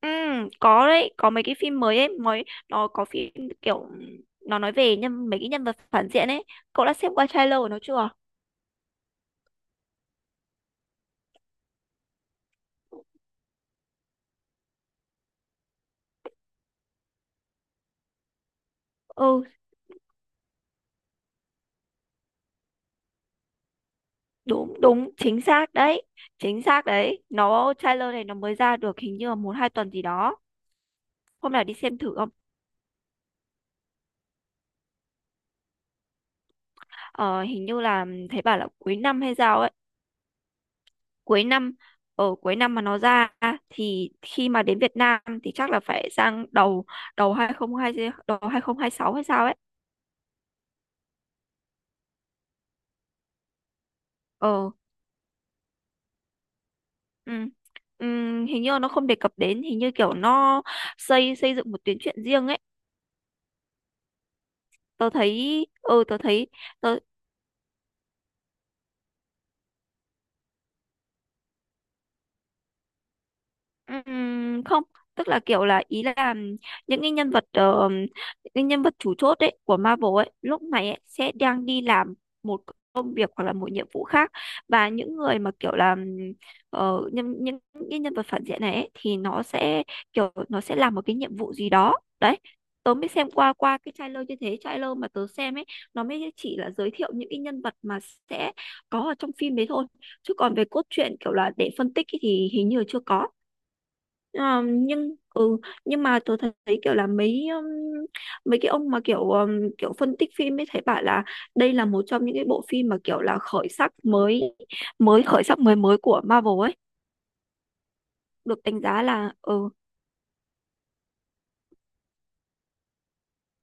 Ừ, có đấy, có mấy cái phim mới ấy, mới nó có phim kiểu nó nói về mấy cái nhân vật phản diện ấy. Cậu đã xem qua trailer của nó chưa? Ừ, đúng đúng, chính xác đấy. Chính xác đấy. Nó trailer này nó mới ra được hình như là một hai tuần gì đó. Hôm nào đi xem thử không? Ờ, hình như là thấy bảo là cuối năm hay sao ấy. Cuối năm Cuối năm mà nó ra thì khi mà đến Việt Nam thì chắc là phải sang đầu đầu hai không hai đầu 2026 hay sao ấy. Ờ. Ừ. Ừ, hình như là nó không đề cập đến hình như kiểu nó xây xây dựng một tuyến truyện riêng ấy. Tớ thấy. Tớ Không tức là kiểu là ý là những cái nhân vật chủ chốt ấy của Marvel ấy lúc này ấy, sẽ đang đi làm một công việc hoặc là một nhiệm vụ khác, và những người mà kiểu là những cái nhân vật phản diện này ấy, thì nó sẽ kiểu nó sẽ làm một cái nhiệm vụ gì đó. Đấy, tớ mới xem qua qua cái trailer như thế. Trailer mà tớ xem ấy nó mới chỉ là giới thiệu những cái nhân vật mà sẽ có ở trong phim đấy thôi, chứ còn về cốt truyện kiểu là để phân tích ấy thì hình như là chưa có. Ờ, nhưng ừ nhưng mà tôi thấy kiểu là mấy mấy cái ông mà kiểu kiểu phân tích phim ấy thấy bảo là đây là một trong những cái bộ phim mà kiểu là khởi sắc mới mới của Marvel ấy, được đánh giá là ừ.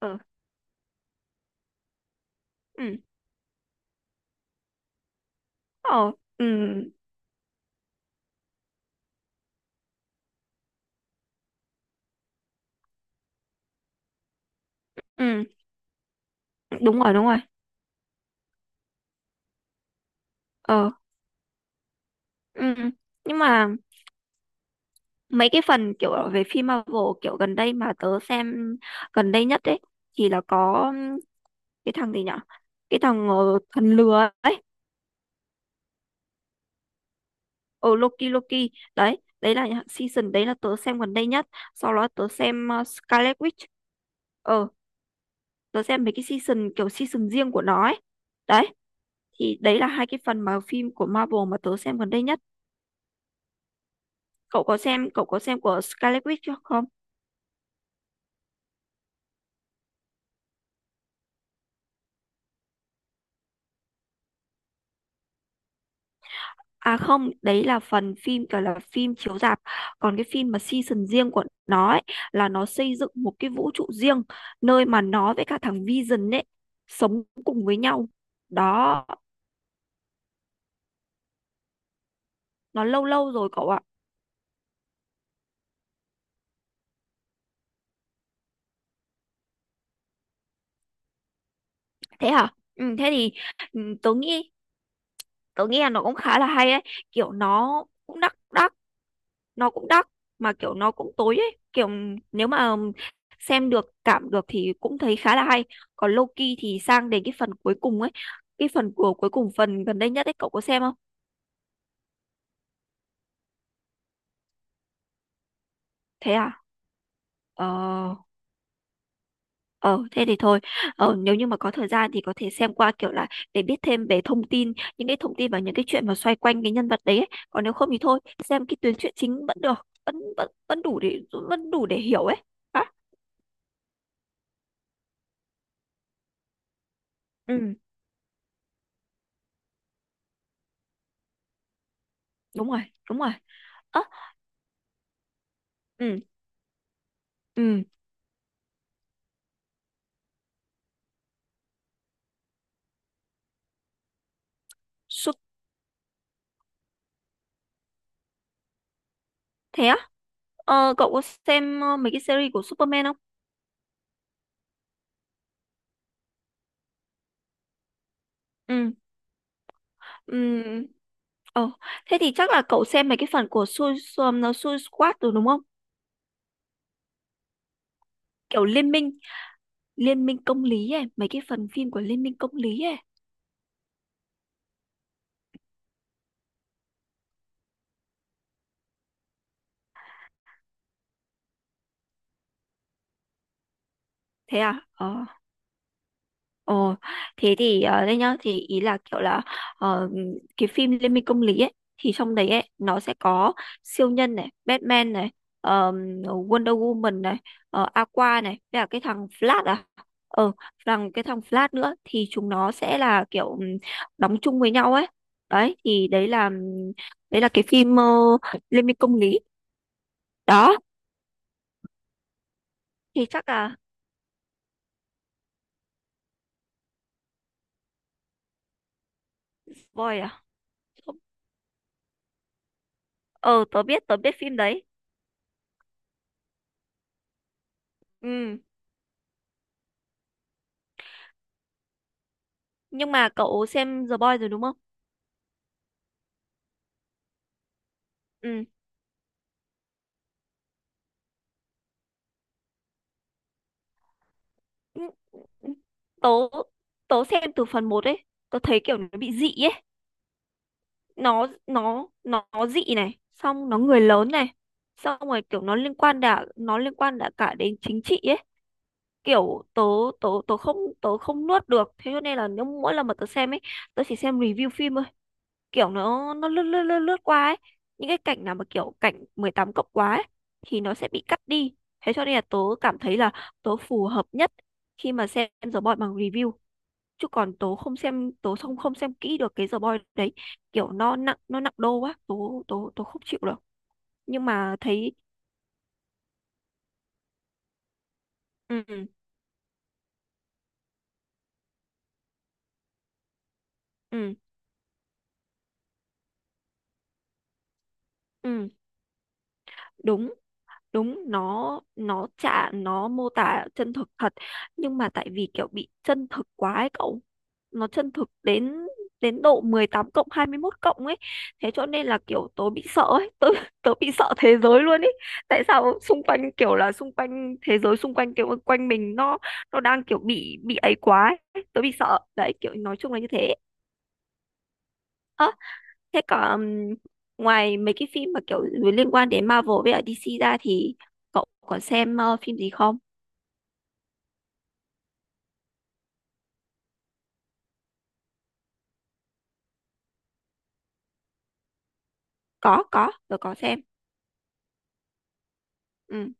Ừ. Ừ. Ờ, ừ. Ừ, đúng rồi, đúng rồi. Ờ. Ừ. Nhưng mà mấy cái phần kiểu về phim Marvel kiểu gần đây mà tớ xem gần đây nhất ấy thì là có cái thằng gì nhở, cái thằng thần lừa ấy. Loki. Loki đấy, đấy là những season đấy là tớ xem gần đây nhất. Sau đó tớ xem Scarlet Witch. Ờ, tớ xem mấy cái season kiểu season riêng của nó ấy. Đấy thì đấy là hai cái phần mà phim của Marvel mà tớ xem gần đây nhất. Cậu có xem của Scarlet Witch chưa không? À không, đấy là phần phim gọi là phim chiếu rạp, còn cái phim mà season riêng của nó ấy, là nó xây dựng một cái vũ trụ riêng, nơi mà nó với cả thằng Vision ấy sống cùng với nhau. Đó. Nó lâu lâu rồi cậu ạ. Thế hả? Ừ, thế thì ừ, tớ nghĩ, tớ nghĩ là nó cũng khá là hay ấy, kiểu nó cũng đắt đắt, nó cũng đắt, mà kiểu nó cũng tối ấy, kiểu nếu mà xem được cảm được thì cũng thấy khá là hay. Còn Loki thì sang đến cái phần cuối cùng ấy, cái phần cuối cùng, phần gần đây nhất ấy cậu có xem không? Thế à? Ờ. Ờ, thế thì thôi, ờ, nếu như mà có thời gian thì có thể xem qua kiểu là để biết thêm về thông tin, những cái thông tin và những cái chuyện mà xoay quanh cái nhân vật đấy ấy. Còn nếu không thì thôi, xem cái tuyến truyện chính vẫn được, vẫn vẫn vẫn đủ để hiểu ấy. Hả? Ừ. Đúng rồi, đúng rồi. Ơ, ừ, ừ, su thế á? Ờ, cậu có xem mấy cái series của Superman không? Ừ. Ừ, ờ, thế thì chắc là cậu xem mấy cái phần của Su Su, Su Squad rồi đúng không? Kiểu liên minh Liên minh công lý ấy, mấy cái phần phim của Liên minh công lý ấy. Thế à? Ờ. Ồ, thế thì ờ, đây nhá, thì ý là kiểu là ờ, cái phim Liên minh công lý ấy thì trong đấy ấy nó sẽ có siêu nhân này, Batman này, ờm, Wonder Woman này, ờ, Aqua này, với cả cái thằng Flash à. Ờ, cái thằng Flash nữa thì chúng nó sẽ là kiểu đóng chung với nhau ấy. Đấy thì đấy là cái phim Liên minh công lý. Đó, thì chắc là spoil à? Ờ, tớ biết phim đấy. Ừ, nhưng mà cậu xem The Boys rồi đúng không? Ừ. Ừ, Tớ tớ xem từ phần một ấy, tớ thấy kiểu nó bị dị ấy, nó nó dị này, xong nó người lớn này, xong rồi kiểu nó liên quan đã cả đến chính trị ấy. Kiểu tớ, tớ không nuốt được, thế cho nên là nếu mỗi lần mà tớ xem ấy, tớ chỉ xem review phim, kiểu nó lướt lướt lướt lướt qua ấy, những cái cảnh nào mà kiểu cảnh 18+ quá ấy, thì nó sẽ bị cắt đi, thế cho nên là tớ cảm thấy là tớ phù hợp nhất khi mà xem The Boy bằng review, chứ còn tớ không xem, tớ không không xem kỹ được cái The Boy. Đấy, kiểu nó nặng đô quá, tớ, tớ không chịu được. Nhưng mà thấy ừ. Ừ. Ừ. đúng Đúng, nó mô tả chân thực thật, nhưng mà tại vì kiểu bị chân thực quá ấy cậu, nó chân thực đến đến độ 18+, 21+ cộng ấy, thế cho nên là kiểu tớ bị sợ ấy, tớ tớ bị sợ thế giới luôn ấy. Tại sao xung quanh kiểu là xung quanh thế giới xung quanh kiểu quanh mình nó đang kiểu bị ấy quá ấy. Tớ bị sợ đấy, kiểu nói chung là như thế. Thế có ngoài mấy cái phim mà kiểu liên quan đến Marvel với ở DC ra thì cậu có xem phim gì không? Có, tớ có xem. Ừ,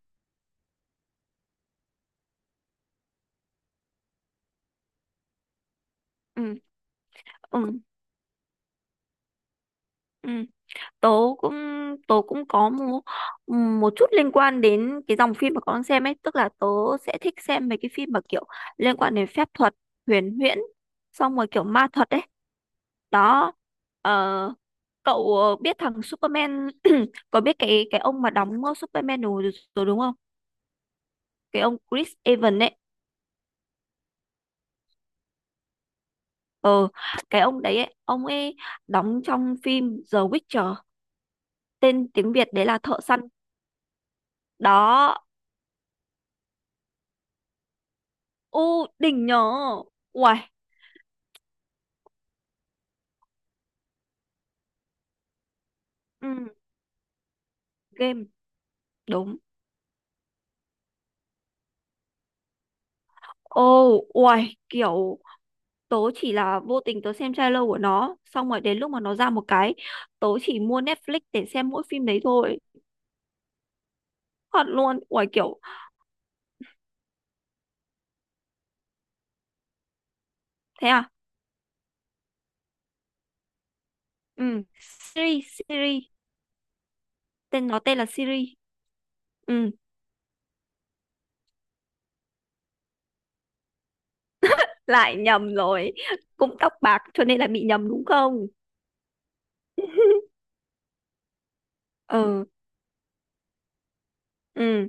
ừ, ừ, ừ. Tớ cũng, tớ cũng có một, một chút liên quan đến cái dòng phim mà con đang xem ấy, tức là tớ sẽ thích xem mấy cái phim mà kiểu liên quan đến phép thuật, huyền huyễn, xong rồi kiểu ma thuật ấy. Đó. Ờ, cậu biết thằng Superman có biết cái ông mà đóng Superman rồi, rồi đúng không? Cái ông Chris Evans ấy. Ờ, cái ông đấy ấy, ông ấy đóng trong phim The Witcher, tên tiếng Việt đấy là Thợ săn. Đó, u đỉnh nhờ. Uầy. Ừ, game. Đúng. Ô, uầy, kiểu tớ chỉ là vô tình tớ xem trailer của nó xong rồi đến lúc mà nó ra một cái, tớ chỉ mua Netflix để xem mỗi phim đấy thôi, thật luôn. Uầy kiểu. Thế à? Ừ, series series, tên nó tên là series. Ừ, lại nhầm rồi, cũng tóc bạc cho nên là bị nhầm đúng không? Ờ. Ừ.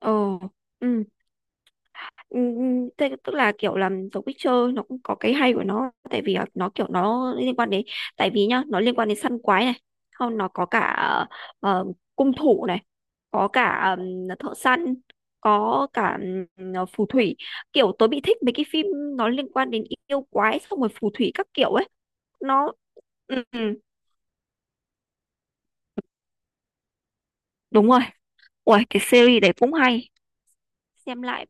Ờ. Ừ. Ừ, ừ, thế tức là kiểu là The Witcher nó cũng có cái hay của nó, tại vì là nó kiểu nó liên quan đến, tại vì nhá nó liên quan đến săn quái này, không nó có cả ờ, cung thủ này, có cả thợ săn, có cả phù thủy. Kiểu tớ bị thích mấy cái phim nó liên quan đến yêu quái xong rồi phù thủy các kiểu ấy. Nó ừ, ừ, đúng rồi. Ủa, cái series đấy cũng hay, xem lại,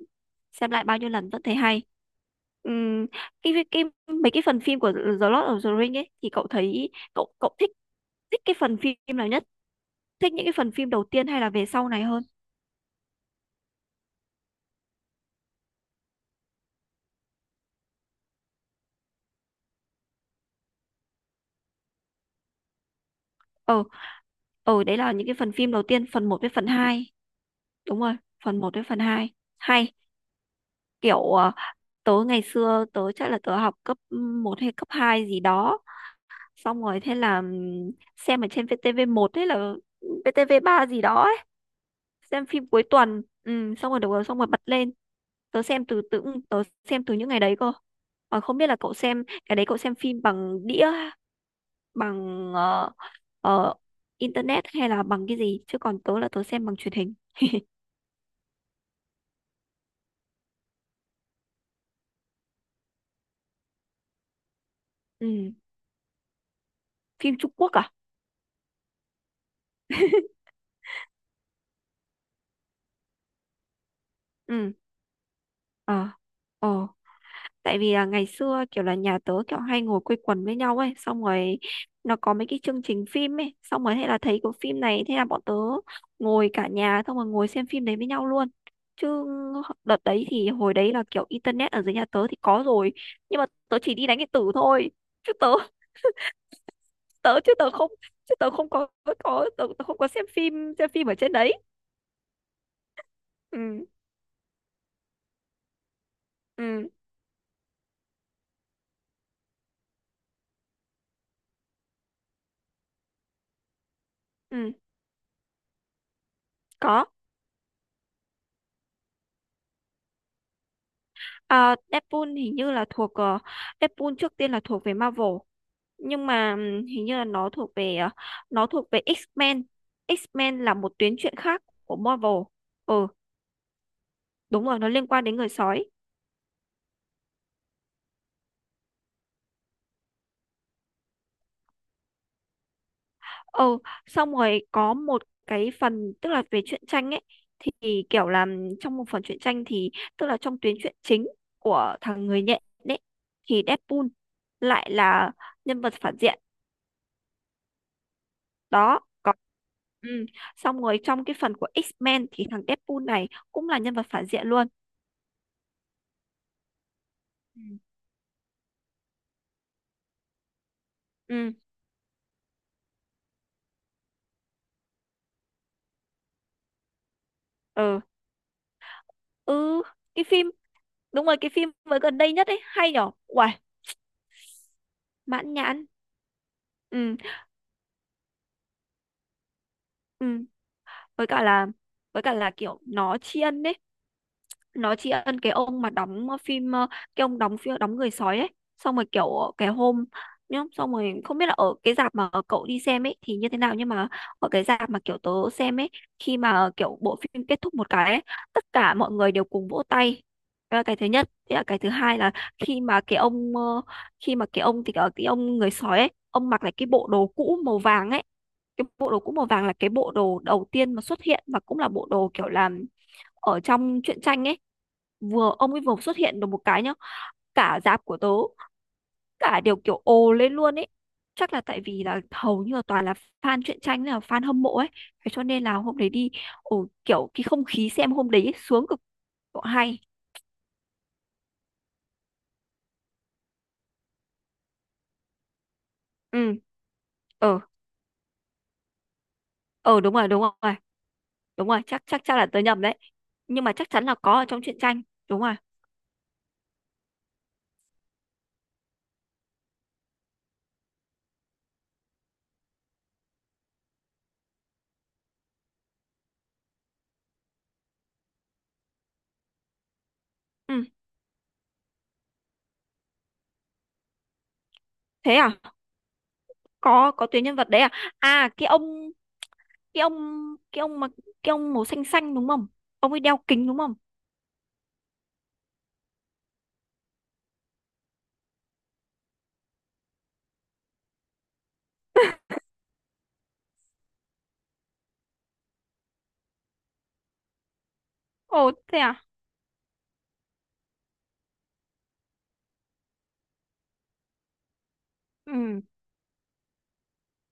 xem lại bao nhiêu lần vẫn thấy hay. Ừm, cái, cái mấy cái phần phim của The Lord of the Ring ấy thì cậu thấy cậu cậu thích, thích cái phần phim nào nhất, thích những cái phần phim đầu tiên hay là về sau này hơn? Ờ. Ờ, đấy là những cái phần phim đầu tiên, phần 1 với phần 2. Đúng rồi, phần 1 với phần 2 hay, kiểu ờ, tớ ngày xưa tớ chắc là tớ học cấp 1 hay cấp 2 gì đó, xong rồi thế là xem ở trên VTV1 hay là VTV3 gì đó, xem phim cuối tuần, ừ, xong rồi được rồi xong rồi bật lên, tớ xem từ từ, tớ xem từ những ngày đấy cơ. Còn không biết là cậu xem cái đấy, cậu xem phim bằng đĩa, bằng ờ, ờ, internet hay là bằng cái gì chứ còn tớ là tớ xem bằng truyền hình. Ừ. Phim Trung Quốc à? Ừ. Ờ. Ờ, tại vì là ngày xưa kiểu là nhà tớ kiểu hay ngồi quây quần với nhau ấy, xong rồi nó có mấy cái chương trình phim ấy, xong rồi hay là thấy có phim này, thế là bọn tớ ngồi cả nhà xong rồi ngồi xem phim đấy với nhau luôn. Chứ đợt đấy thì hồi đấy là kiểu internet ở dưới nhà tớ thì có rồi, nhưng mà tớ chỉ đi đánh điện tử thôi, chứ tớ, tớ chứ tớ không có, tớ không có xem phim, xem phim ở trên đấy. Ừ. Ừ. Ừ. Có. À, Deadpool hình như là thuộc Deadpool trước tiên là thuộc về Marvel, nhưng mà hình như là nó thuộc về nó thuộc về X-Men. X-Men là một tuyến truyện khác của Marvel. Ừ, đúng rồi, nó liên quan đến người sói. Ừ, xong rồi có một cái phần tức là về truyện tranh ấy, thì kiểu là trong một phần truyện tranh thì tức là trong tuyến truyện chính của thằng người nhện đấy thì Deadpool lại là nhân vật phản diện. Đó có. Ừ. Xong rồi trong cái phần của X-Men thì thằng Deadpool này cũng là nhân vật phản diện luôn. Ừ. Ừ. Ừ. Ừ. Cái phim, đúng rồi, cái phim mới gần đây nhất ấy hay nhở. Uầy, mãn nhãn. Ừ. Ừ. Với cả là, với cả là kiểu nó tri ân đấy, nó tri ân cái ông mà đóng phim cái ông đóng phim đóng người sói ấy, xong rồi kiểu cái hôm, nhá, xong rồi không biết là ở cái rạp mà cậu đi xem ấy thì như thế nào, nhưng mà ở cái rạp mà kiểu tớ xem ấy, khi mà kiểu bộ phim kết thúc một cái ấy, tất cả mọi người đều cùng vỗ tay. Đấy là cái thứ nhất, thế là cái thứ hai là khi mà cái ông ờ, khi mà cái ông thì cái ông người sói ấy, ông mặc lại cái bộ đồ cũ màu vàng ấy. Cái bộ đồ cũ màu vàng là cái bộ đồ đầu tiên mà xuất hiện và cũng là bộ đồ kiểu là ở trong truyện tranh ấy, vừa ông ấy vừa xuất hiện được một cái nhá, cả dạp của tớ cả đều kiểu ồ lên luôn ấy. Chắc là tại vì là hầu như là toàn là fan truyện tranh, là fan hâm mộ ấy, thế cho nên là hôm đấy đi, ồ kiểu cái không khí xem hôm đấy ấy, sướng cực độ, hay. Ừ. Ờ. Ờ, đúng rồi, đúng rồi, đúng rồi, chắc chắc chắc là tớ nhầm đấy, nhưng mà chắc chắn là có ở trong truyện tranh. Đúng rồi. Ừ. Thế à? Có tuyến nhân vật đấy à? À cái ông, cái ông, cái ông mà, cái ông màu xanh xanh đúng không? Ông ấy đeo kính đúng không? Ồ thế à? Ừ,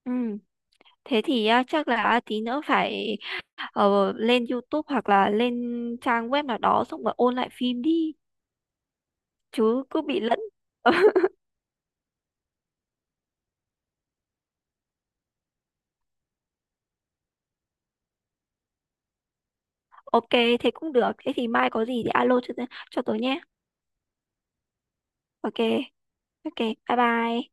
ừ. Thế thì à, chắc là tí nữa phải ờ, lên YouTube hoặc là lên trang web nào đó xong rồi ôn lại phim đi, chứ cứ bị lẫn. Ok, thế cũng được. Thế thì mai có gì thì alo cho tôi nhé. Ok, ok, bye bye.